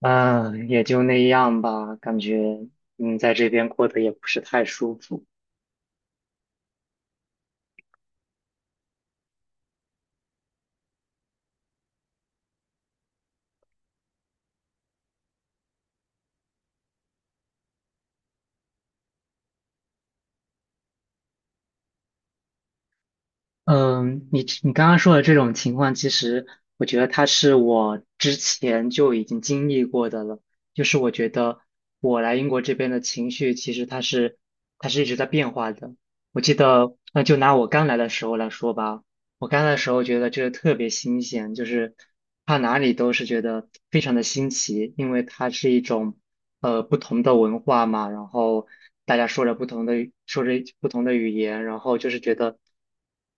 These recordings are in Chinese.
嗯，也就那样吧，感觉在这边过得也不是太舒服。嗯，你刚刚说的这种情况，其实我觉得他是我之前就已经经历过的了。就是我觉得我来英国这边的情绪，其实它是一直在变化的。我记得，那就拿我刚来的时候来说吧，我刚的时候觉得这个特别新鲜，就是它哪里都是觉得非常的新奇，因为它是一种不同的文化嘛，然后大家说着不同的语说着不同的语言，然后就是觉得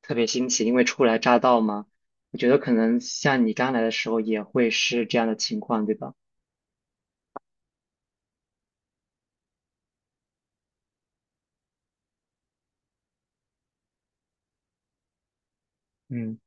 特别新奇，因为初来乍到嘛。我觉得可能像你刚来的时候也会是这样的情况，对吧？嗯，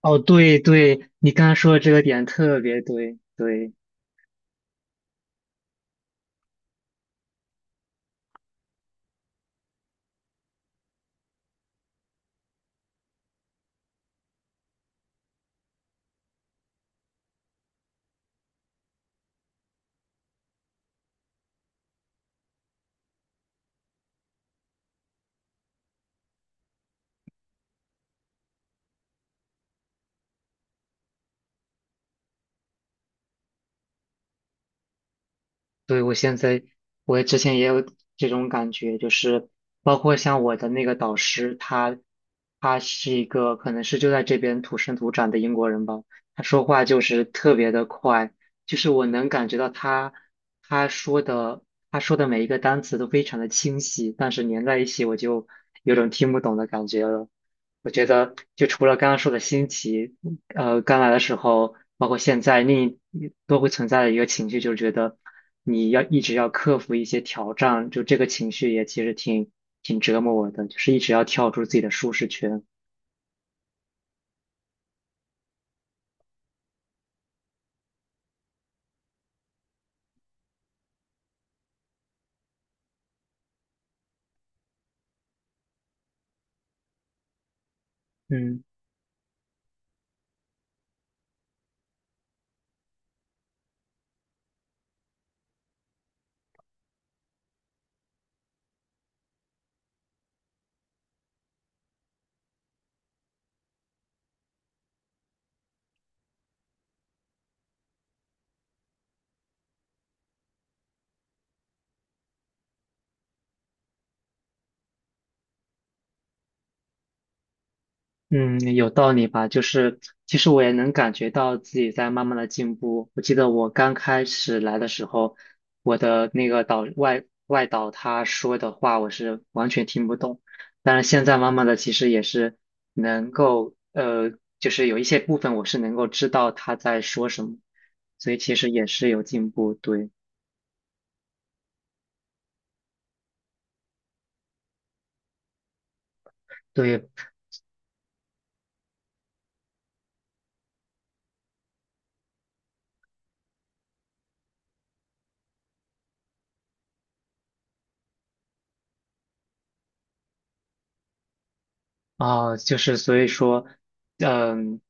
哦，对对，你刚刚说的这个点特别对，对。对，我现在，我之前也有这种感觉，就是包括像我的那个导师，他是一个可能是就在这边土生土长的英国人吧，他说话就是特别的快，就是我能感觉到他说的他说的每一个单词都非常的清晰，但是连在一起我就有种听不懂的感觉了。我觉得就除了刚刚说的新奇，刚来的时候，包括现在，另一都会存在的一个情绪，就是觉得你要一直要克服一些挑战，就这个情绪也其实挺折磨我的，就是一直要跳出自己的舒适圈。嗯。嗯，有道理吧？就是其实我也能感觉到自己在慢慢的进步。我记得我刚开始来的时候，我的那个外导他说的话，我是完全听不懂。但是现在慢慢的，其实也是能够就是有一些部分我是能够知道他在说什么，所以其实也是有进步。对对，啊，就是所以说，嗯，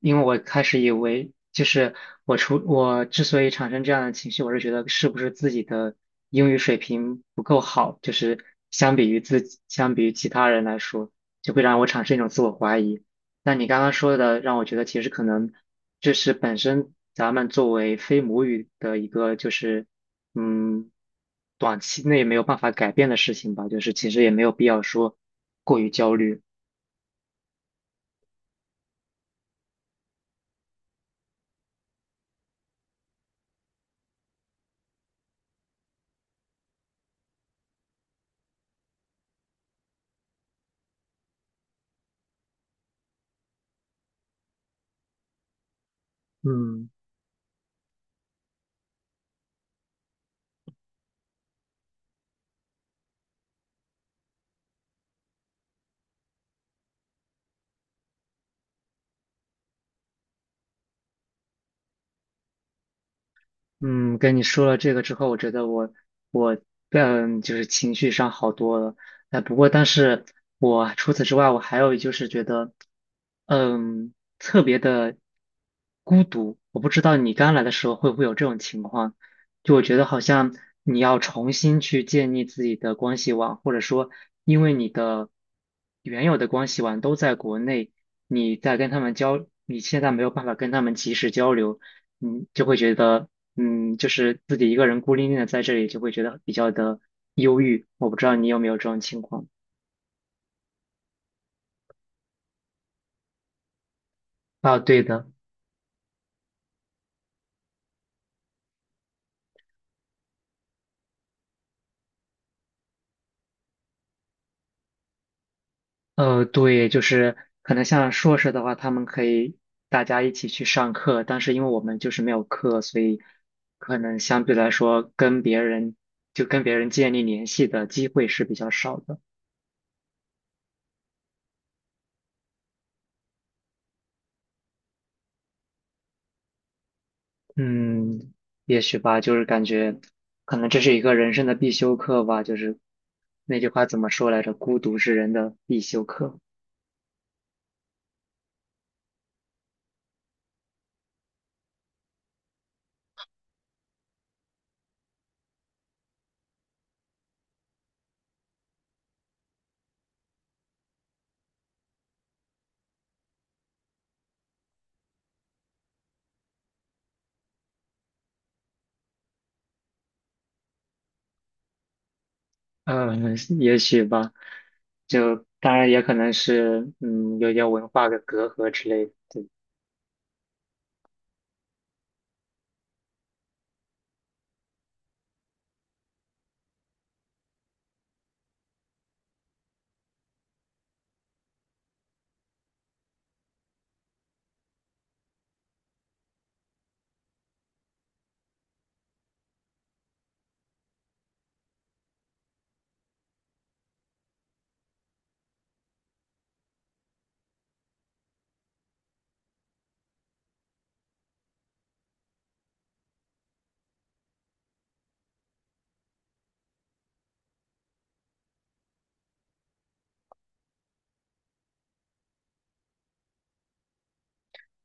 因为我开始以为，就是我之所以产生这样的情绪，我是觉得是不是自己的英语水平不够好，就是相比于自己，相比于其他人来说，就会让我产生一种自我怀疑。那你刚刚说的，让我觉得其实可能这是本身咱们作为非母语的一个，就是嗯，短期内没有办法改变的事情吧，就是其实也没有必要说过于焦虑。嗯嗯，跟你说了这个之后，我觉得我嗯就是情绪上好多了。哎，不过但是我除此之外，我还有就是觉得，嗯，特别的孤独。我不知道你刚来的时候会不会有这种情况，就我觉得好像你要重新去建立自己的关系网，或者说因为你的原有的关系网都在国内，你在跟他们交，你现在没有办法跟他们及时交流。嗯，就会觉得，就是自己一个人孤零零的在这里，就会觉得比较的忧郁。我不知道你有没有这种情况啊？对的，呃，对，就是可能像硕士的话，他们可以大家一起去上课，但是因为我们就是没有课，所以可能相对来说跟别人就跟别人建立联系的机会是比较少的。嗯，也许吧，就是感觉可能这是一个人生的必修课吧，就是那句话怎么说来着？孤独是人的必修课。嗯，也许吧，就当然也可能是有点文化的隔阂之类的。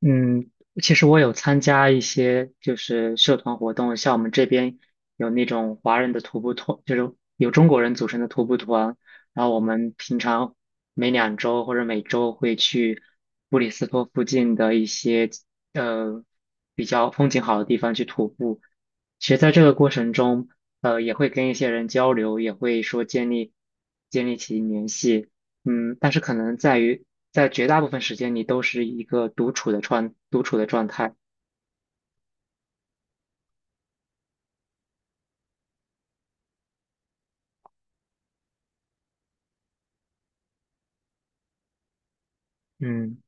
嗯，其实我有参加一些就是社团活动，像我们这边有那种华人的徒步团，就是有中国人组成的徒步团，然后我们平常每两周或者每周会去布里斯托附近的一些呃比较风景好的地方去徒步。其实在这个过程中，也会跟一些人交流，也会说建立起联系。嗯，但是可能在于在绝大部分时间你都是一个独处的状态。嗯，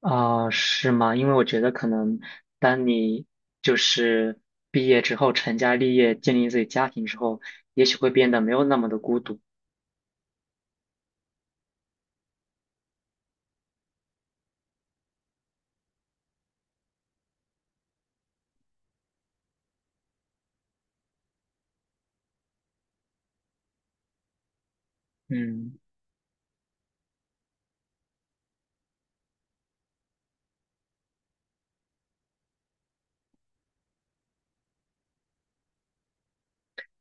啊、是吗？因为我觉得可能当你就是毕业之后成家立业，建立自己家庭之后，也许会变得没有那么的孤独。嗯。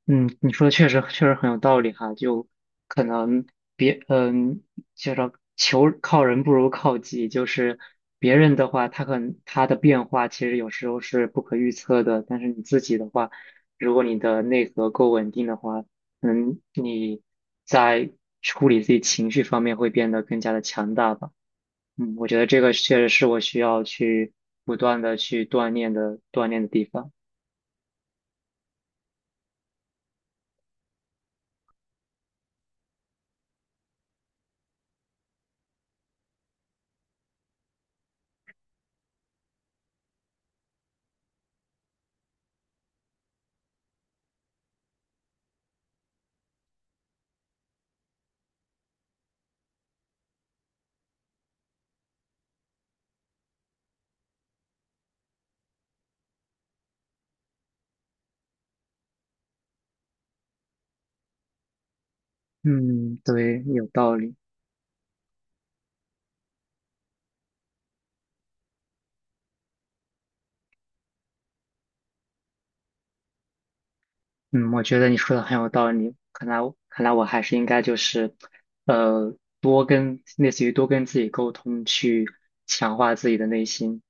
嗯，你说的确实很有道理哈，就可能别嗯，就是求靠人不如靠己，就是别人的话，他可能他的变化其实有时候是不可预测的，但是你自己的话，如果你的内核够稳定的话，嗯，你在处理自己情绪方面会变得更加的强大吧。嗯，我觉得这个确实是我需要去不断的去锻炼的地方。嗯，对，有道理。嗯，我觉得你说的很有道理。看来我还是应该就是，呃，多跟类似于多跟自己沟通，去强化自己的内心。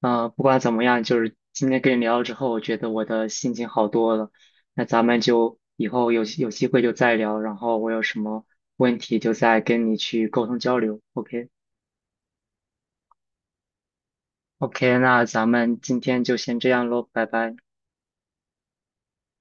呃，不管怎么样，就是今天跟你聊了之后，我觉得我的心情好多了。那咱们就以后有机会就再聊，然后我有什么问题就再跟你去沟通交流。OK，OK，那咱们今天就先这样喽，拜拜。